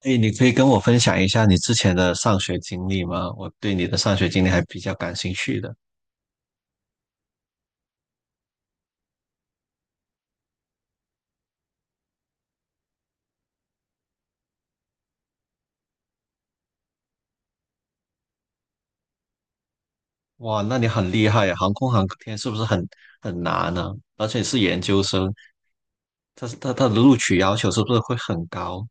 哎，你可以跟我分享一下你之前的上学经历吗？我对你的上学经历还比较感兴趣的。哇，那你很厉害呀！航空航天是不是很难呢、而且是研究生，他的录取要求是不是会很高？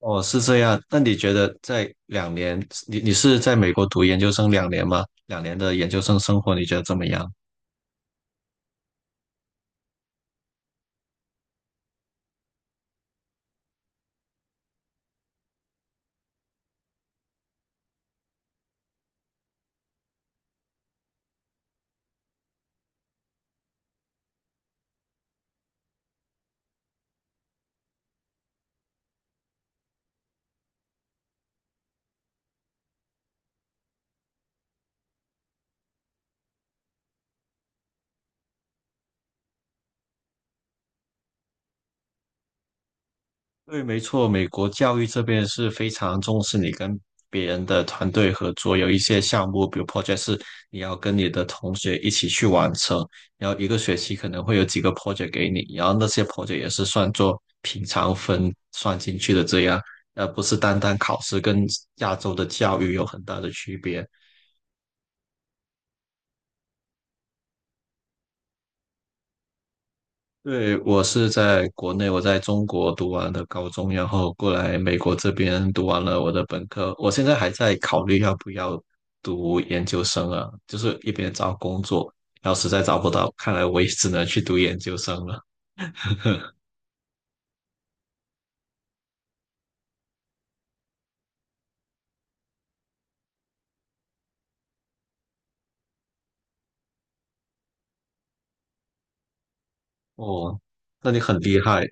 哦，是这样。那你觉得在两年，你是在美国读研究生两年吗？两年的研究生生活你觉得怎么样？对，没错，美国教育这边是非常重视你跟别人的团队合作，有一些项目，比如 project 是你要跟你的同学一起去完成，然后一个学期可能会有几个 project 给你，然后那些 project 也是算作平常分算进去的，这样，而不是单单考试，跟亚洲的教育有很大的区别。对，我是在国内，我在中国读完的高中，然后过来美国这边读完了我的本科。我现在还在考虑要不要读研究生啊，就是一边找工作，然后实在找不到，看来我也只能去读研究生了。哦，那你很厉害。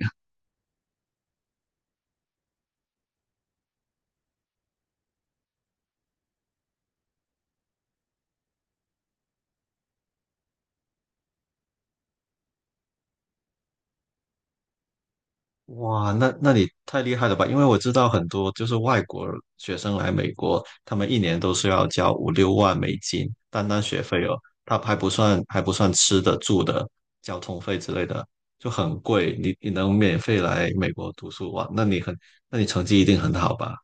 哇，那你太厉害了吧？因为我知道很多就是外国学生来美国，他们一年都是要交5、6万美金，单单学费哦，他还不算吃的、住的、交通费之类的，就很贵。你能免费来美国读书哇？那你很，那你成绩一定很好吧？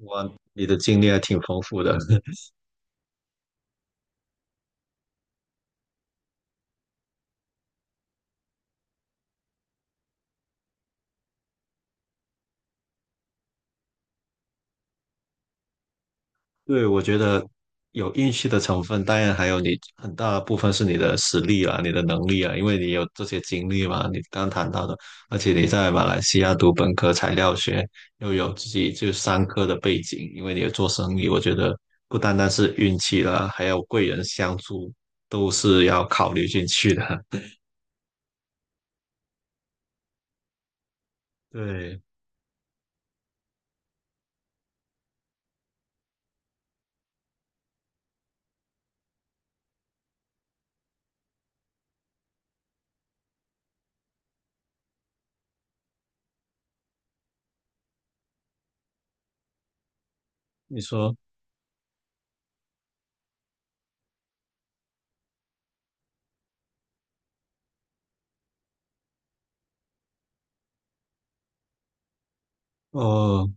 哇，你的经历还挺丰富的。对，我觉得有运气的成分，当然还有你很大部分是你的实力啊，你的能力啊，因为你有这些经历嘛，你刚谈到的，而且你在马来西亚读本科材料学，又有自己就商科的背景，因为你有做生意，我觉得不单单是运气啦，还有贵人相助，都是要考虑进去的。对，你说，哦。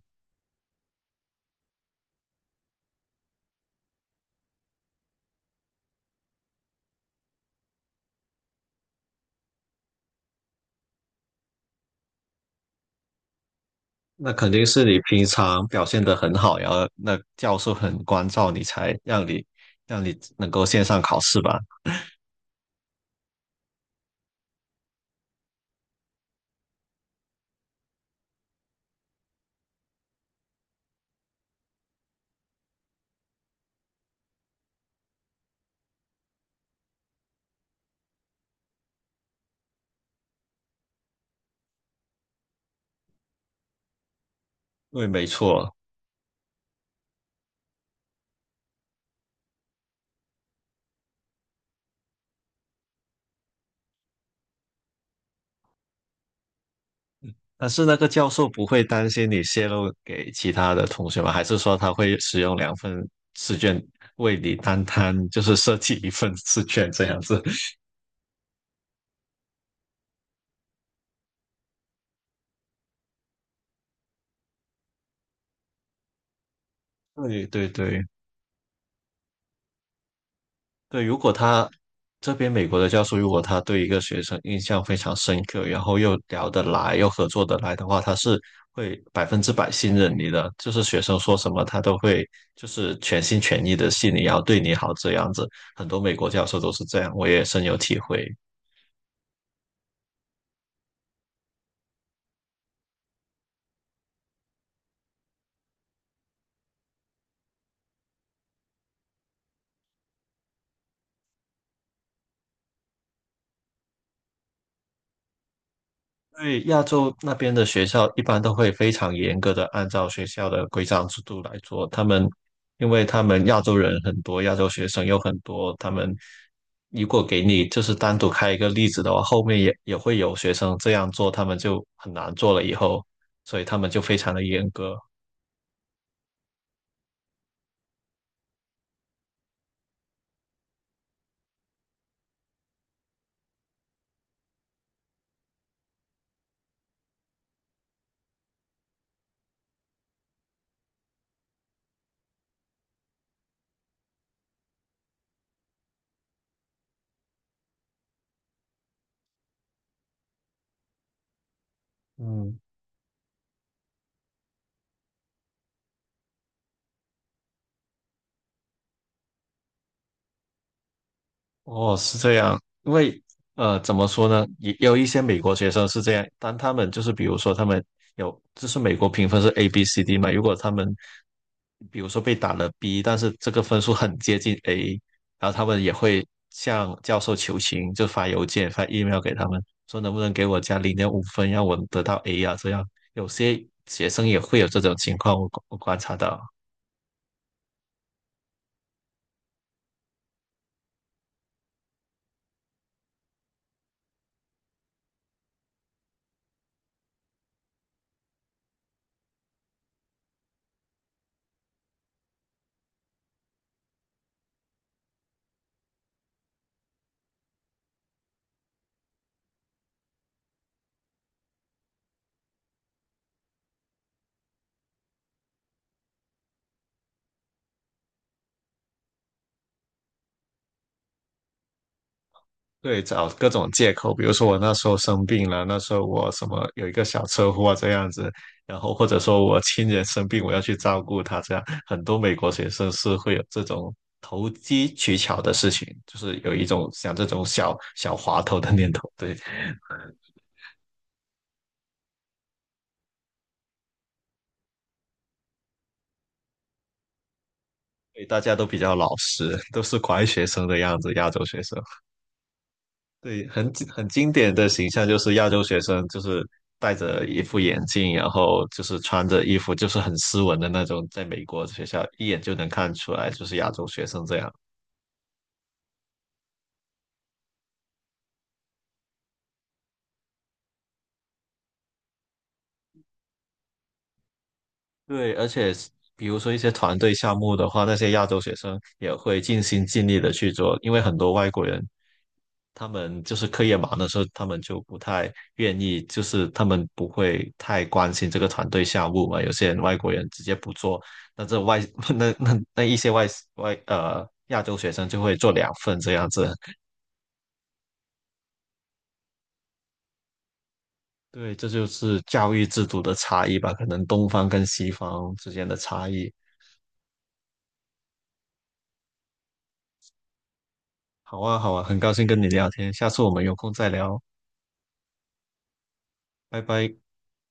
那肯定是你平常表现的很好，然后那教授很关照你，才让你让你能够线上考试吧？对，没错。但是那个教授不会担心你泄露给其他的同学吗？还是说他会使用两份试卷为你单摊，就是设计一份试卷这样子？对对对。对，如果他这边美国的教授，如果他对一个学生印象非常深刻，然后又聊得来，又合作得来的话，他是会100%信任你的，就是学生说什么他都会就是全心全意的信你，然后对你好这样子。很多美国教授都是这样，我也深有体会。对，亚洲那边的学校一般都会非常严格的按照学校的规章制度来做。他们，因为他们亚洲人很多，亚洲学生有很多，他们如果给你就是单独开一个例子的话，后面也会有学生这样做，他们就很难做了以后，所以他们就非常的严格。嗯。哦，是这样，因为呃，怎么说呢，也也有一些美国学生是这样，当他们就是比如说他们有，就是美国评分是 A、B、C、D 嘛，如果他们比如说被打了 B，但是这个分数很接近 A，然后他们也会向教授求情，就发邮件、发 email 给他们，说能不能给我加0.5分，让我得到 A 啊，这样有些学生也会有这种情况，我我观察到。对，找各种借口，比如说我那时候生病了，那时候我什么有一个小车祸啊这样子，然后或者说我亲人生病，我要去照顾他，这样很多美国学生是会有这种投机取巧的事情，就是有一种想这种小小滑头的念头。对，所以大家都比较老实，都是乖学生的样子，亚洲学生。对，很经典的形象就是亚洲学生，就是戴着一副眼镜，然后就是穿着衣服，就是很斯文的那种，在美国学校一眼就能看出来就是亚洲学生这样。对，而且是比如说一些团队项目的话，那些亚洲学生也会尽心尽力的去做，因为很多外国人他们就是课业忙的时候，他们就不太愿意，就是他们不会太关心这个团队项目嘛。有些人外国人直接不做，那这外 那一些外外呃亚洲学生就会做两份这样子。对，这就是教育制度的差异吧，可能东方跟西方之间的差异。好啊，好啊，很高兴跟你聊天，下次我们有空再聊，拜拜。